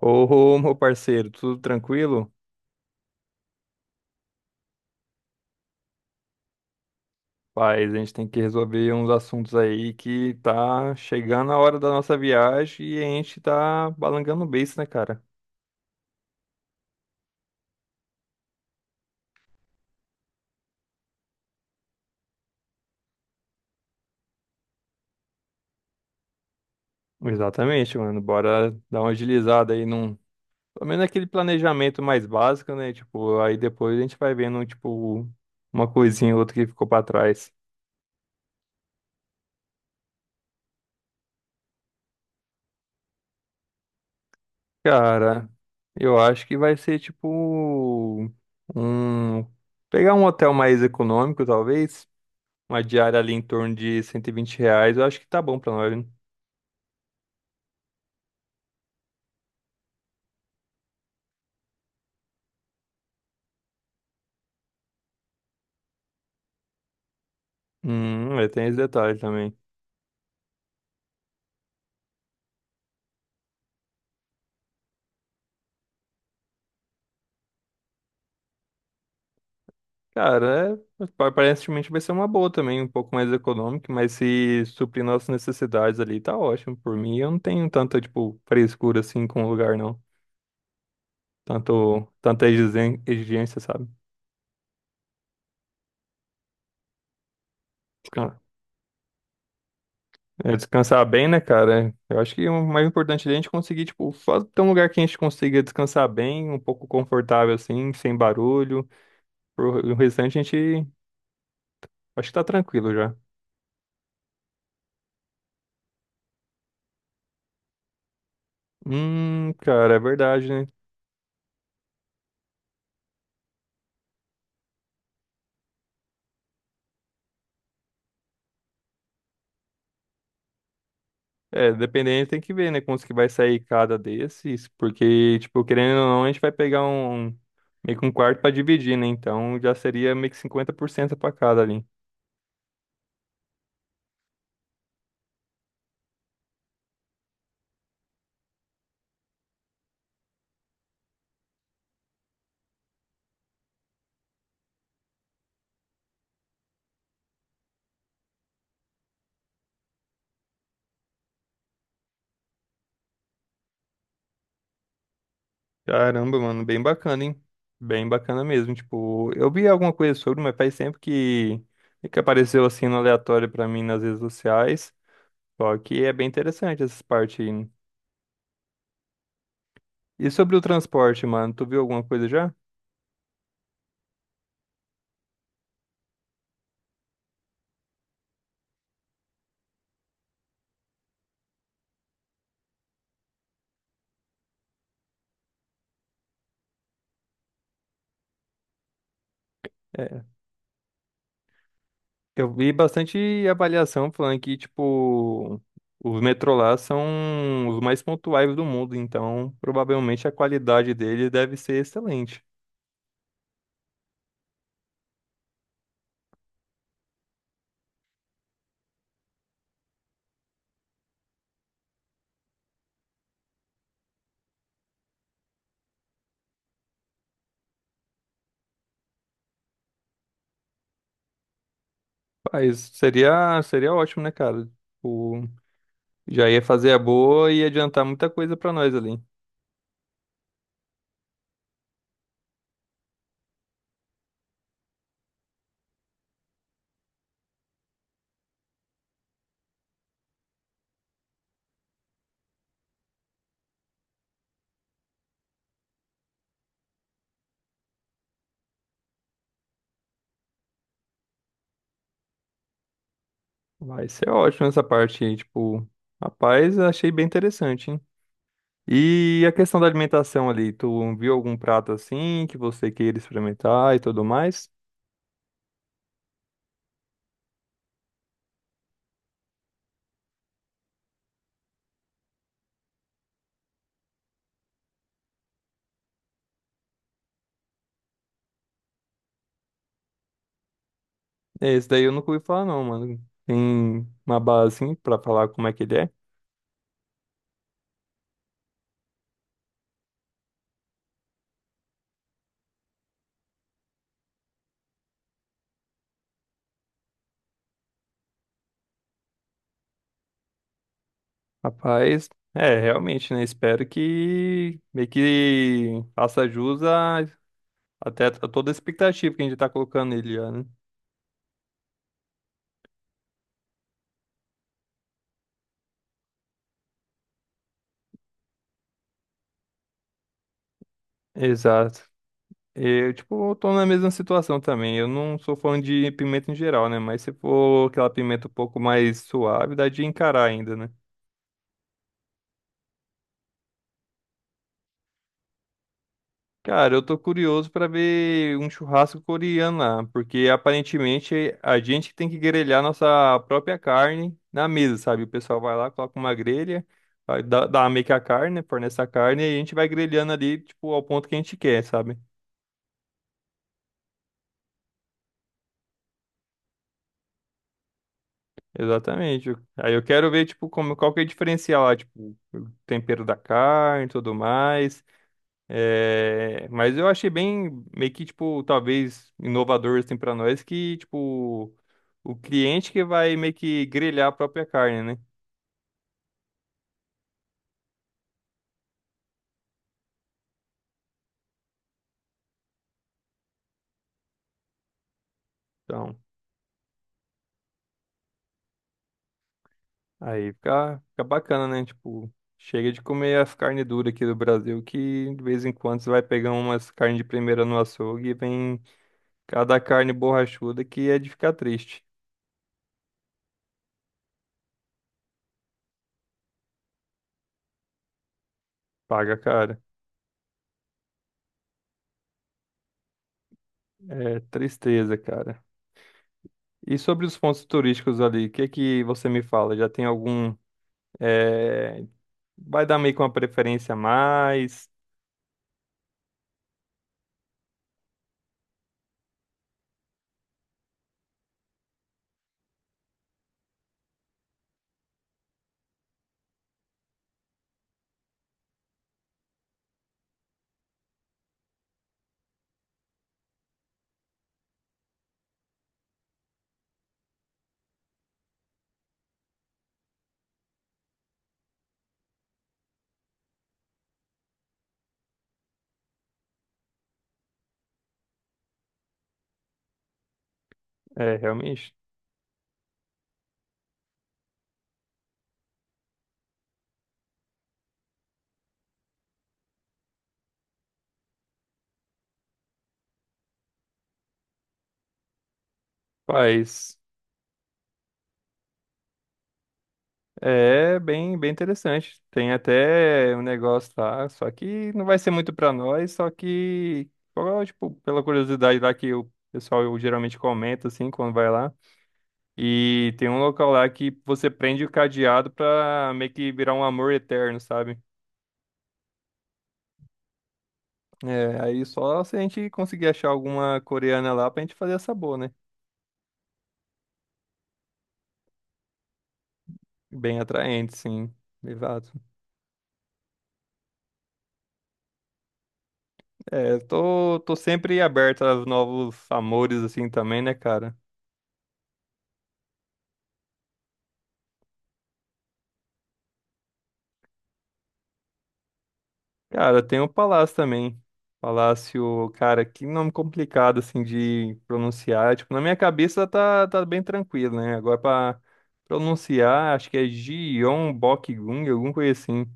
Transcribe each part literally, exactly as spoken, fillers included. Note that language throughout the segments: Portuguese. Ô, meu parceiro, tudo tranquilo? Paz, a gente tem que resolver uns assuntos aí que tá chegando a hora da nossa viagem e a gente tá balangando o beiço, né, cara? Exatamente, mano. Bora dar uma agilizada aí num. Pelo menos aquele planejamento mais básico, né? Tipo, aí depois a gente vai vendo, tipo, uma coisinha ou outra que ficou pra trás. Cara, eu acho que vai ser, tipo, um. Pegar um hotel mais econômico, talvez. Uma diária ali em torno de cento e vinte reais, eu acho que tá bom pra nós, né? Hum, é, tem esse detalhe também. Cara, é, pa- aparentemente vai ser uma boa também, um pouco mais econômica, mas se suprir nossas necessidades ali, tá ótimo. Por mim, eu não tenho tanta, tipo, frescura assim com o lugar, não. Tanto, tanta exigên- exigência, sabe? Descan- é, descansar bem, né, cara? Eu acho que o mais importante ali é a gente conseguir, tipo, fa- ter um lugar que a gente consiga descansar bem, um pouco confortável assim, sem barulho. Pro- O restante a gente acho que tá tranquilo já. Hum, cara, é verdade, né? É, dependendo, tem que ver, né? Quantos que vai sair cada desses. Porque, tipo, querendo ou não, a gente vai pegar um. um, meio que um quarto pra dividir, né? Então já seria meio que cinquenta por cento pra cada ali. Caramba, mano, bem bacana, hein? Bem bacana mesmo. Tipo, eu vi alguma coisa sobre, mas faz tempo que, que apareceu assim no aleatório pra mim nas redes sociais. Só que é bem interessante essas partes aí, né? E sobre o transporte, mano, tu viu alguma coisa já? É, eu vi bastante avaliação falando que, tipo, os metrô lá são os mais pontuais do mundo, então provavelmente a qualidade dele deve ser excelente. Mas seria, seria ótimo, né, cara? Tipo, já ia fazer a boa e ia adiantar muita coisa pra nós ali. Vai ser ótimo essa parte aí, tipo, rapaz, achei bem interessante, hein? E a questão da alimentação ali, tu viu algum prato assim que você queira experimentar e tudo mais? É, esse daí eu nunca ouvi falar não, mano. Tem uma base assim pra falar como é que ele é. Rapaz, é, realmente, né? Espero que meio que faça jus a, até a toda a expectativa que a gente tá colocando nele, já, né? Exato. Eu, tipo, tô na mesma situação também. Eu não sou fã de pimenta em geral, né? Mas se for aquela pimenta um pouco mais suave, dá de encarar ainda, né? Cara, eu tô curioso pra ver um churrasco coreano lá, porque aparentemente a gente que tem que grelhar nossa própria carne na mesa, sabe? O pessoal vai lá, coloca uma grelha, vai dar, dar meio que a carne, né? Fornece a carne e a gente vai grelhando ali, tipo, ao ponto que a gente quer, sabe? Exatamente. Aí eu quero ver, tipo, como, qual que é o diferencial lá, tipo, o tempero da carne e tudo mais. É, mas eu achei bem, meio que, tipo, talvez inovador, assim, pra nós, que, tipo, o cliente que vai meio que grelhar a própria carne, né? Então, aí fica, fica bacana, né? Tipo, chega de comer as carnes duras aqui do Brasil, que de vez em quando você vai pegar umas carnes de primeira no açougue e vem cada carne borrachuda que é de ficar triste. Paga, cara. É tristeza, cara. E sobre os pontos turísticos ali, o que que você me fala? Já tem algum... é, vai dar meio que uma preferência a mais. É, realmente. Faz. É bem, bem interessante. Tem até um negócio lá, só que não vai ser muito pra nós, só que, ó, tipo, pela curiosidade lá que o pessoal geralmente comenta, assim, quando vai lá. E tem um local lá que você prende o cadeado pra meio que virar um amor eterno, sabe? É, aí só se a gente conseguir achar alguma coreana lá pra gente fazer essa boa, né? Bem atraente, sim. Exato. É, eu tô, tô sempre aberto a novos amores, assim, também, né, cara? Cara, tem o Palácio também. Palácio, cara, que nome complicado, assim, de pronunciar. Tipo, na minha cabeça tá, tá bem tranquilo, né? Agora pra pronunciar, acho que é Gyeongbokgung, alguma coisa assim.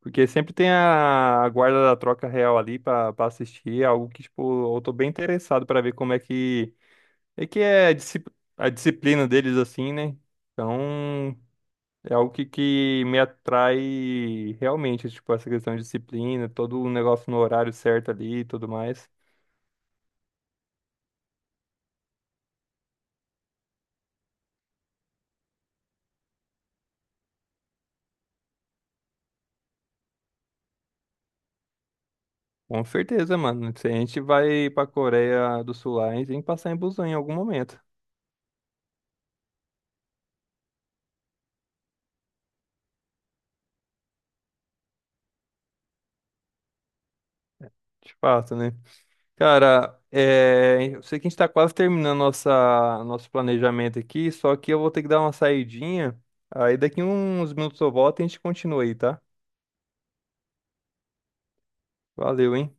Porque sempre tem a, a guarda da troca real ali pra, pra assistir. É algo que, tipo, eu tô bem interessado pra ver como é que é, que é a disci- a disciplina deles, assim, né? Então. É algo que, que me atrai realmente, tipo, essa questão de disciplina, todo o negócio no horário certo ali e tudo mais. Com certeza, mano. Se a gente vai pra Coreia do Sul lá, a gente tem que passar em Busan em algum momento. De fato, né? Cara, é... eu sei que a gente tá quase terminando nossa... nosso planejamento aqui, só que eu vou ter que dar uma saidinha. Aí daqui uns minutos eu volto e a gente continua aí, tá? Valeu, hein?